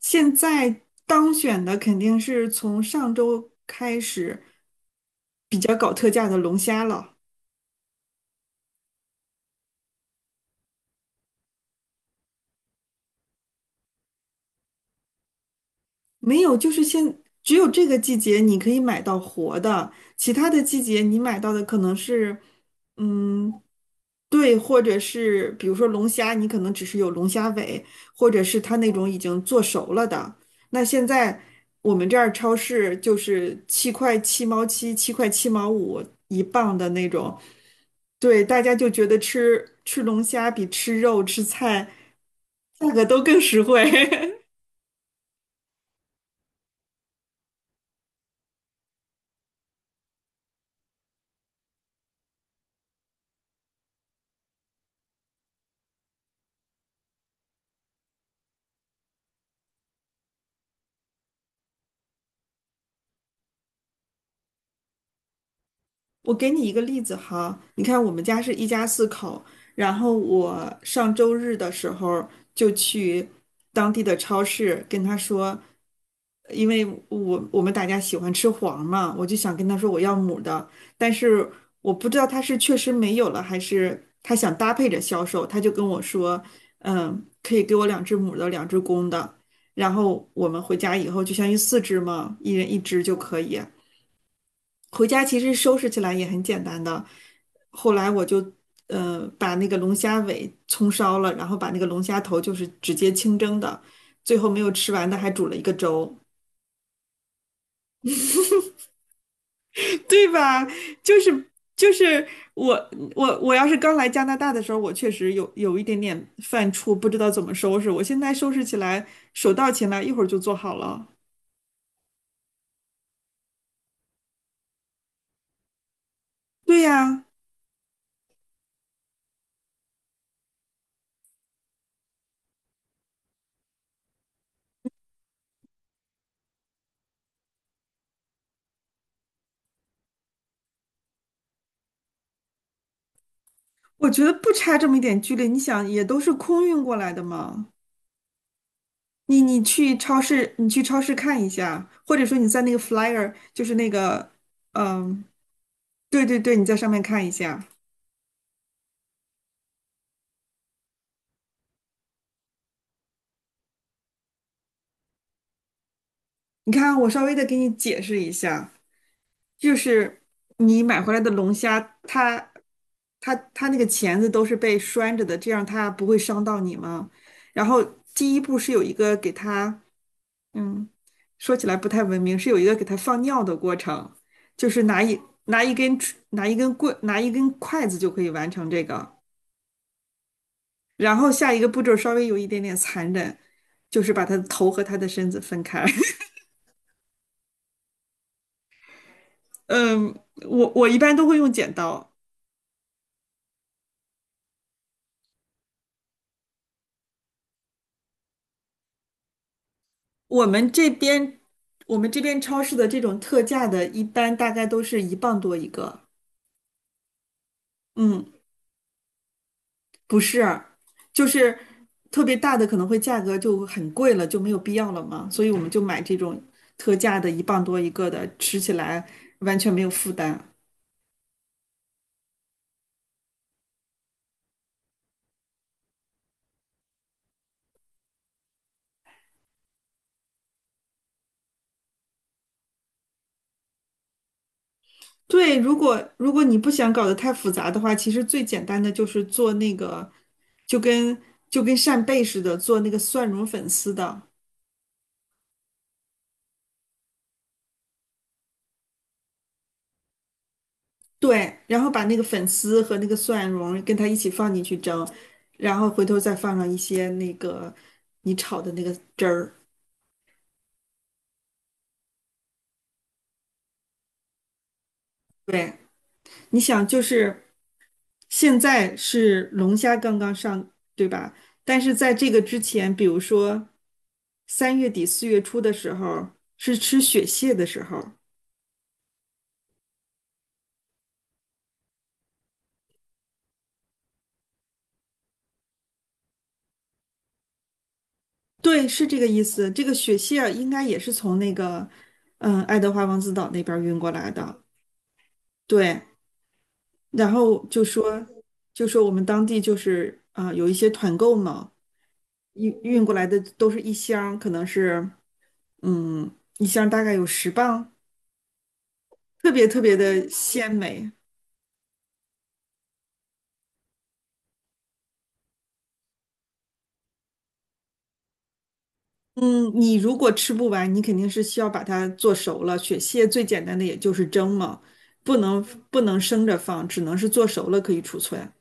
现在当选的肯定是从上周开始比较搞特价的龙虾了，没有，就是现只有这个季节你可以买到活的，其他的季节你买到的可能是，嗯，对，或者是比如说龙虾，你可能只是有龙虾尾，或者是它那种已经做熟了的。那现在我们这儿超市就是7块7毛7、7块7毛5一磅的那种。对，大家就觉得吃吃龙虾比吃肉、吃菜价格都更实惠。我给你一个例子哈，你看我们家是一家四口，然后我上周日的时候就去当地的超市跟他说，因为我们大家喜欢吃黄嘛，我就想跟他说我要母的，但是我不知道他是确实没有了，还是他想搭配着销售，他就跟我说，可以给我两只母的，两只公的，然后我们回家以后就相当于四只嘛，一人一只就可以。回家其实收拾起来也很简单的。后来我就把那个龙虾尾葱烧了，然后把那个龙虾头就是直接清蒸的，最后没有吃完的还煮了一个粥，对吧？就是我我要是刚来加拿大的时候，我确实有一点点犯怵，不知道怎么收拾。我现在收拾起来手到擒来，一会儿就做好了。对呀，我觉得不差这么一点距离，你想也都是空运过来的嘛。你去超市，你去超市看一下，或者说你在那个 flyer，就是那个，嗯，对对对，你在上面看一下。你看，我稍微的给你解释一下，就是你买回来的龙虾，它那个钳子都是被拴着的，这样它不会伤到你吗？然后第一步是有一个给它，嗯，说起来不太文明，是有一个给它放尿的过程，就是拿一根拿一根筷子就可以完成这个。然后下一个步骤稍微有一点点残忍，就是把他的头和他的身子分开。嗯，我一般都会用剪刀。我们这边我们这边超市的这种特价的，一般大概都是一磅多一个。嗯，不是，就是特别大的可能会价格就很贵了，就没有必要了嘛，所以我们就买这种特价的，一磅多一个的，吃起来完全没有负担。对，如果你不想搞得太复杂的话，其实最简单的就是做那个，就跟就跟扇贝似的，做那个蒜蓉粉丝的。对，然后把那个粉丝和那个蒜蓉跟它一起放进去蒸，然后回头再放上一些那个你炒的那个汁儿。对，你想就是现在是龙虾刚刚上，对吧？但是在这个之前，比如说三月底四月初的时候，是吃雪蟹的时候。对，是这个意思。这个雪蟹儿应该也是从那个，爱德华王子岛那边儿运过来的。对，然后就说我们当地就是啊有一些团购嘛，运过来的都是一箱儿可能是嗯，一箱儿大概有10磅，特别特别的鲜美。嗯，你如果吃不完，你肯定是需要把它做熟了。雪蟹最简单的也就是蒸嘛，不能不能生着放，只能是做熟了可以储存。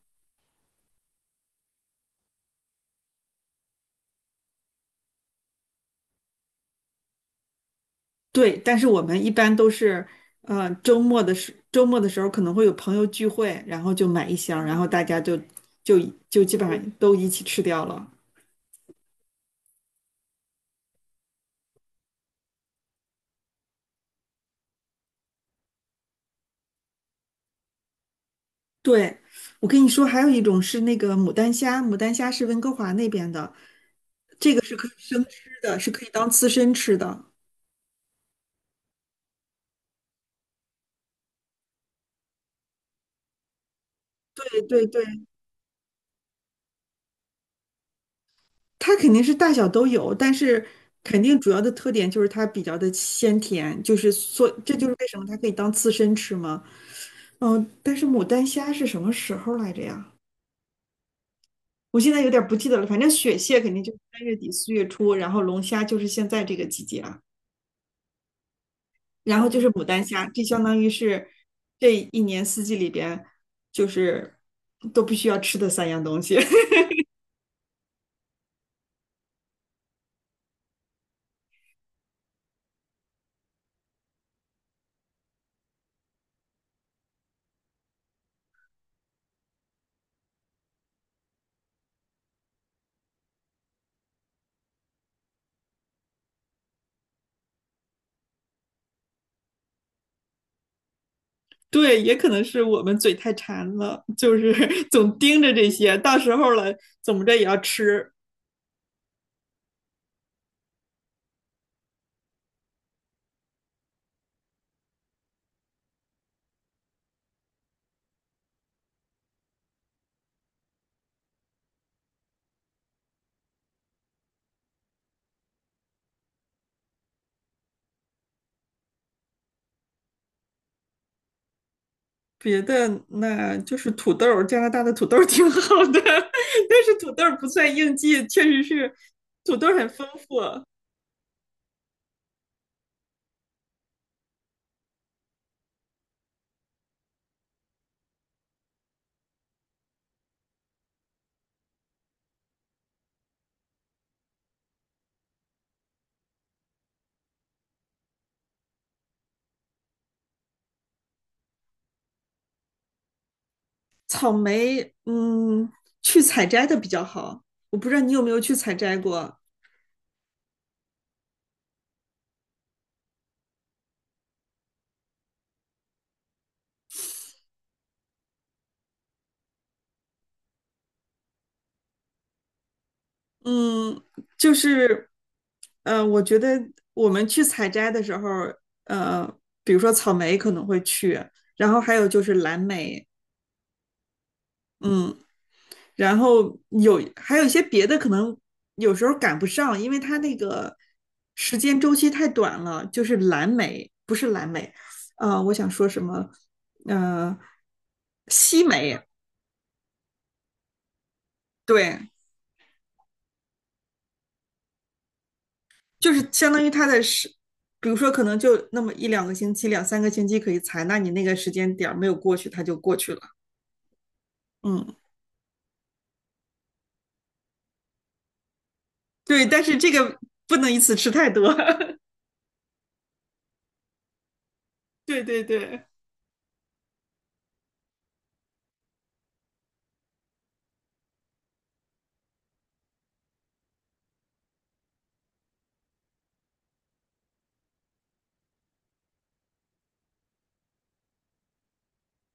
对，但是我们一般都是，周末的时候可能会有朋友聚会，然后就买一箱，然后大家就就基本上都一起吃掉了。对，我跟你说，还有一种是那个牡丹虾，牡丹虾是温哥华那边的，这个是可以生吃的，是可以当刺身吃的。对对对，它肯定是大小都有，但是肯定主要的特点就是它比较的鲜甜，就是所，这就是为什么它可以当刺身吃嘛。但是牡丹虾是什么时候来着呀？我现在有点儿不记得了，反正雪蟹肯定就是三月底四月初，然后龙虾就是现在这个季节啊，然后就是牡丹虾，这相当于是这一年四季里边就是都必须要吃的三样东西。对，也可能是我们嘴太馋了，就是 总盯着这些，到时候了怎么着也要吃。别的那就是土豆，加拿大的土豆挺好的，但是土豆不算应季，确实是土豆很丰富。草莓，去采摘的比较好。我不知道你有没有去采摘过，嗯，就是，我觉得我们去采摘的时候，呃，比如说草莓可能会去，然后还有就是蓝莓，嗯，然后还有一些别的可能有时候赶不上，因为它那个时间周期太短了。就是蓝莓，不是蓝莓，我想说什么？呃，西梅，对，就是相当于它的时，比如说可能就那么一两个星期、两三个星期可以采。那你那个时间点没有过去，它就过去了。嗯，对，但是这个不能一次吃太多。对对对，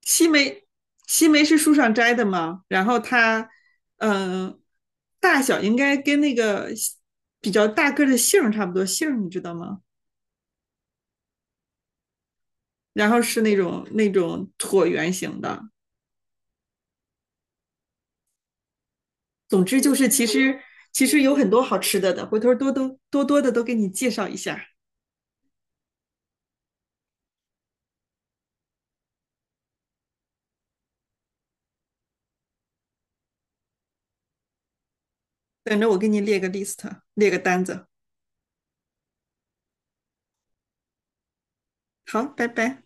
西梅，西梅是树上摘的嘛，然后它，嗯、呃大小应该跟那个比较大个的杏差不多，杏你知道吗？然后是那种椭圆形的，总之就是，其实有很多好吃的的，回头多多多多的都给你介绍一下，等着我给你列个 list，列个单子。好，拜拜。